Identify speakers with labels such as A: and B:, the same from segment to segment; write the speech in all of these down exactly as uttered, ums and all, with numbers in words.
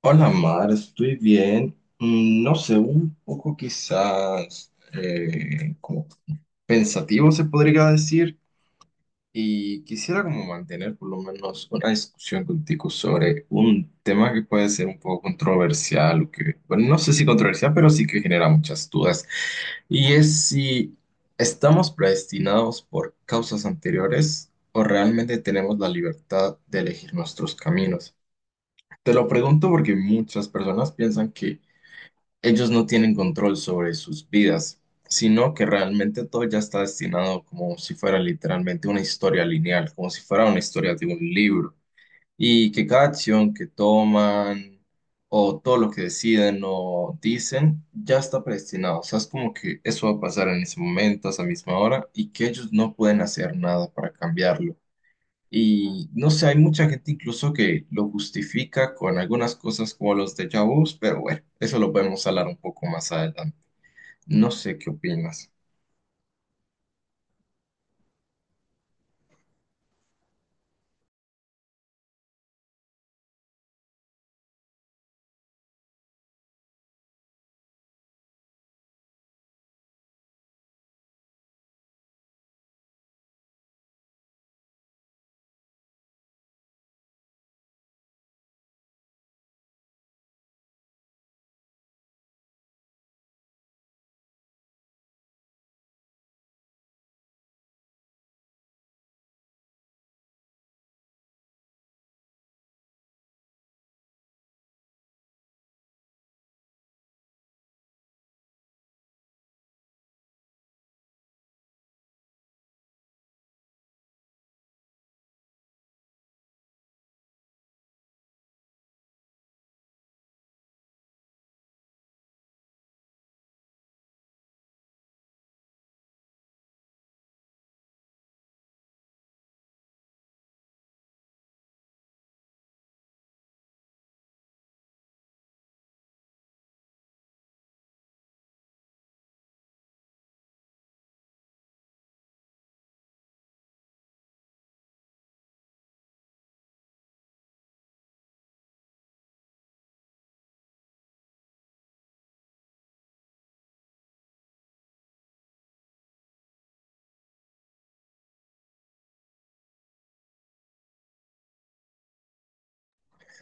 A: Hola Mar, estoy bien. Mm, No sé, un poco quizás eh, como pensativo se podría decir y quisiera como mantener por lo menos una discusión contigo sobre un tema que puede ser un poco controversial o que, bueno, no sé si controversial, pero sí que genera muchas dudas. Y es si estamos predestinados por causas anteriores o realmente tenemos la libertad de elegir nuestros caminos. Te lo pregunto porque muchas personas piensan que ellos no tienen control sobre sus vidas, sino que realmente todo ya está destinado como si fuera literalmente una historia lineal, como si fuera una historia de un libro, y que cada acción que toman o todo lo que deciden o dicen ya está predestinado. O sea, es como que eso va a pasar en ese momento, a esa misma hora, y que ellos no pueden hacer nada para cambiarlo. Y no sé, hay mucha gente incluso que lo justifica con algunas cosas como los déjà vus, pero bueno, eso lo podemos hablar un poco más adelante. No sé qué opinas.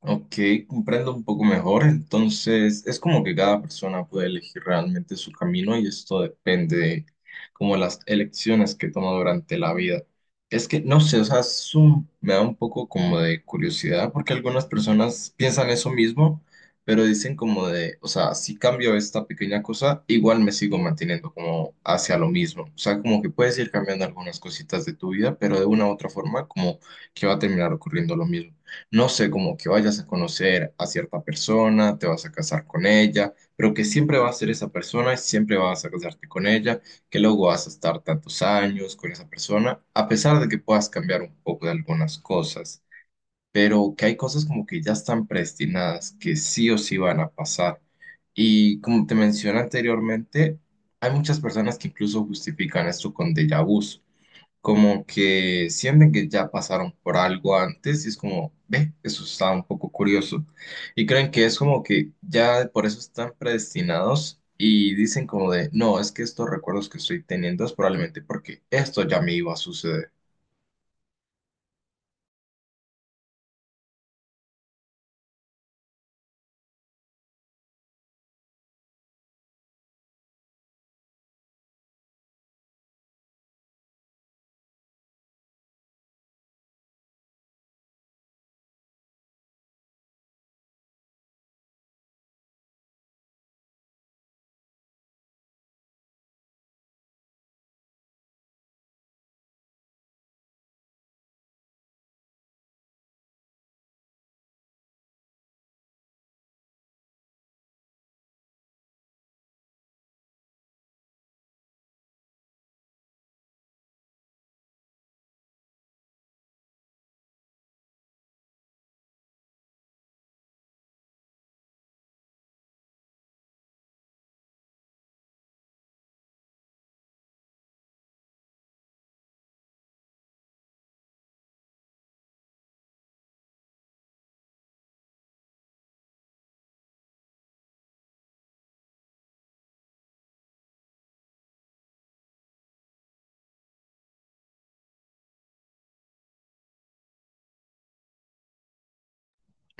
A: Ok, comprendo un poco mejor. Entonces, es como que cada persona puede elegir realmente su camino y esto depende de como las elecciones que toma durante la vida. Es que, no sé, o sea, es un- me da un poco como de curiosidad porque algunas personas piensan eso mismo, pero dicen como de, o sea, si cambio esta pequeña cosa, igual me sigo manteniendo como hacia lo mismo. O sea, como que puedes ir cambiando algunas cositas de tu vida, pero de una u otra forma como que va a terminar ocurriendo lo mismo, no sé, como que vayas a conocer a cierta persona, te vas a casar con ella, pero que siempre va a ser esa persona y siempre vas a casarte con ella, que luego vas a estar tantos años con esa persona, a pesar de que puedas cambiar un poco de algunas cosas, pero que hay cosas como que ya están predestinadas, que sí o sí van a pasar. Y como te mencioné anteriormente, hay muchas personas que incluso justifican esto con déjà vu, como que sienten que ya pasaron por algo antes y es como, ve, eso está un poco curioso. Y creen que es como que ya por eso están predestinados y dicen como de, no, es que estos recuerdos que estoy teniendo es probablemente porque esto ya me iba a suceder.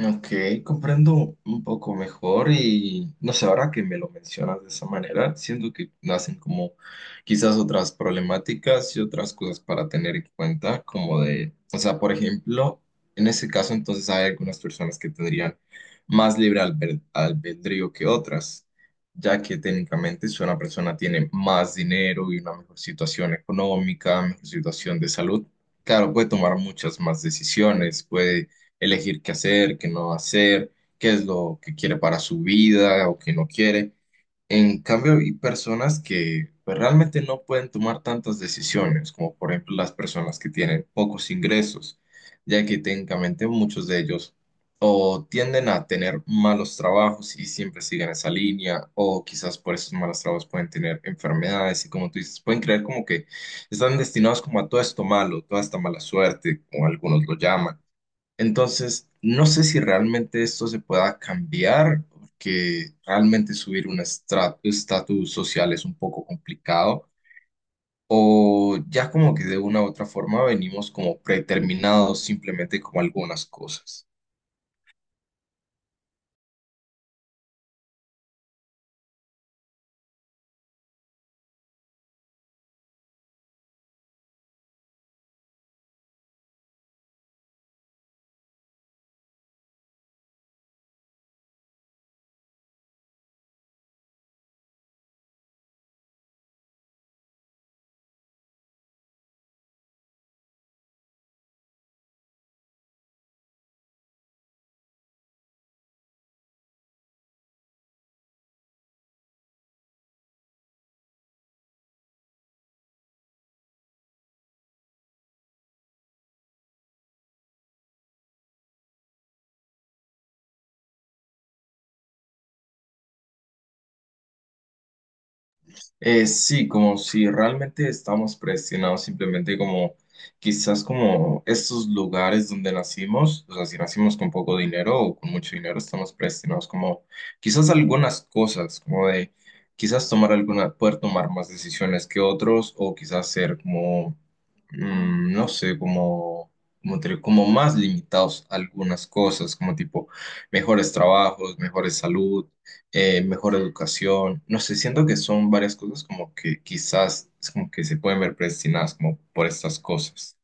A: Ok, comprendo un poco mejor y no sé, ahora que me lo mencionas de esa manera, siento que nacen como quizás otras problemáticas y otras cosas para tener en cuenta, como de, o sea, por ejemplo, en ese caso entonces hay algunas personas que tendrían más libre albe- albedrío que otras, ya que técnicamente si una persona tiene más dinero y una mejor situación económica, mejor situación de salud, claro, puede tomar muchas más decisiones, puede elegir qué hacer, qué no hacer, qué es lo que quiere para su vida o qué no quiere. En cambio, hay personas que pues, realmente no pueden tomar tantas decisiones, como por ejemplo las personas que tienen pocos ingresos, ya que técnicamente muchos de ellos o tienden a tener malos trabajos y siempre siguen esa línea, o quizás por esos malos trabajos pueden tener enfermedades y como tú dices, pueden creer como que están destinados como a todo esto malo, toda esta mala suerte, como algunos lo llaman. Entonces, no sé si realmente esto se pueda cambiar, porque realmente subir un estra- estatus social es un poco complicado, o ya como que de una u otra forma venimos como predeterminados simplemente como algunas cosas. Eh, sí, como si realmente estamos presionados, simplemente como quizás como estos lugares donde nacimos, o sea, si nacimos con poco dinero o con mucho dinero, estamos presionados, como quizás algunas cosas, como de quizás tomar alguna, poder tomar más decisiones que otros o quizás ser como, mm, no sé, como, como, te- como más limitados a algunas cosas, como tipo mejores trabajos, mejores salud, eh, mejor educación, no sé, siento que son varias cosas como que quizás es como que se pueden ver predestinadas como por estas cosas.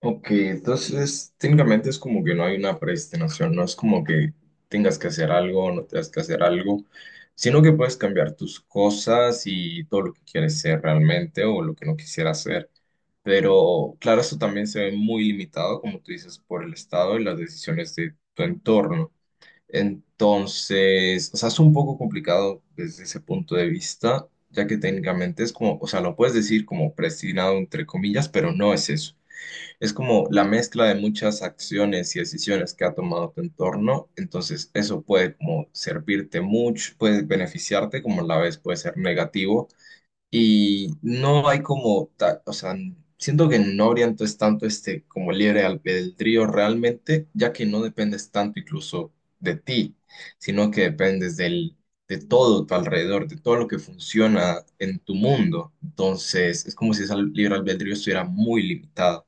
A: Ok, entonces técnicamente es como que no hay una predestinación, no es como que tengas que hacer algo o no tengas que hacer algo, sino que puedes cambiar tus cosas y todo lo que quieres ser realmente o lo que no quisieras ser. Pero claro, eso también se ve muy limitado, como tú dices, por el estado y las decisiones de tu entorno. Entonces, o sea, es un poco complicado desde ese punto de vista, ya que técnicamente es como, o sea, lo puedes decir como predestinado entre comillas, pero no es eso. Es como la mezcla de muchas acciones y decisiones que ha tomado tu entorno, entonces eso puede como servirte mucho, puede beneficiarte, como a la vez puede ser negativo y no hay como, ta- o sea, siento que no habría entonces tanto este como libre albedrío realmente, ya que no dependes tanto incluso de ti, sino que dependes del, de todo tu alrededor, de todo lo que funciona en tu mundo. Entonces, es como si ese al- libre albedrío estuviera muy limitado.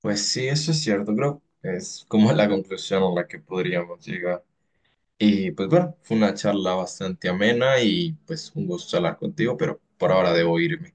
A: Pues sí, eso es cierto, creo. que Es como la conclusión a la que podríamos llegar. Y pues bueno, fue una charla bastante amena y pues un gusto hablar contigo, pero por ahora debo irme.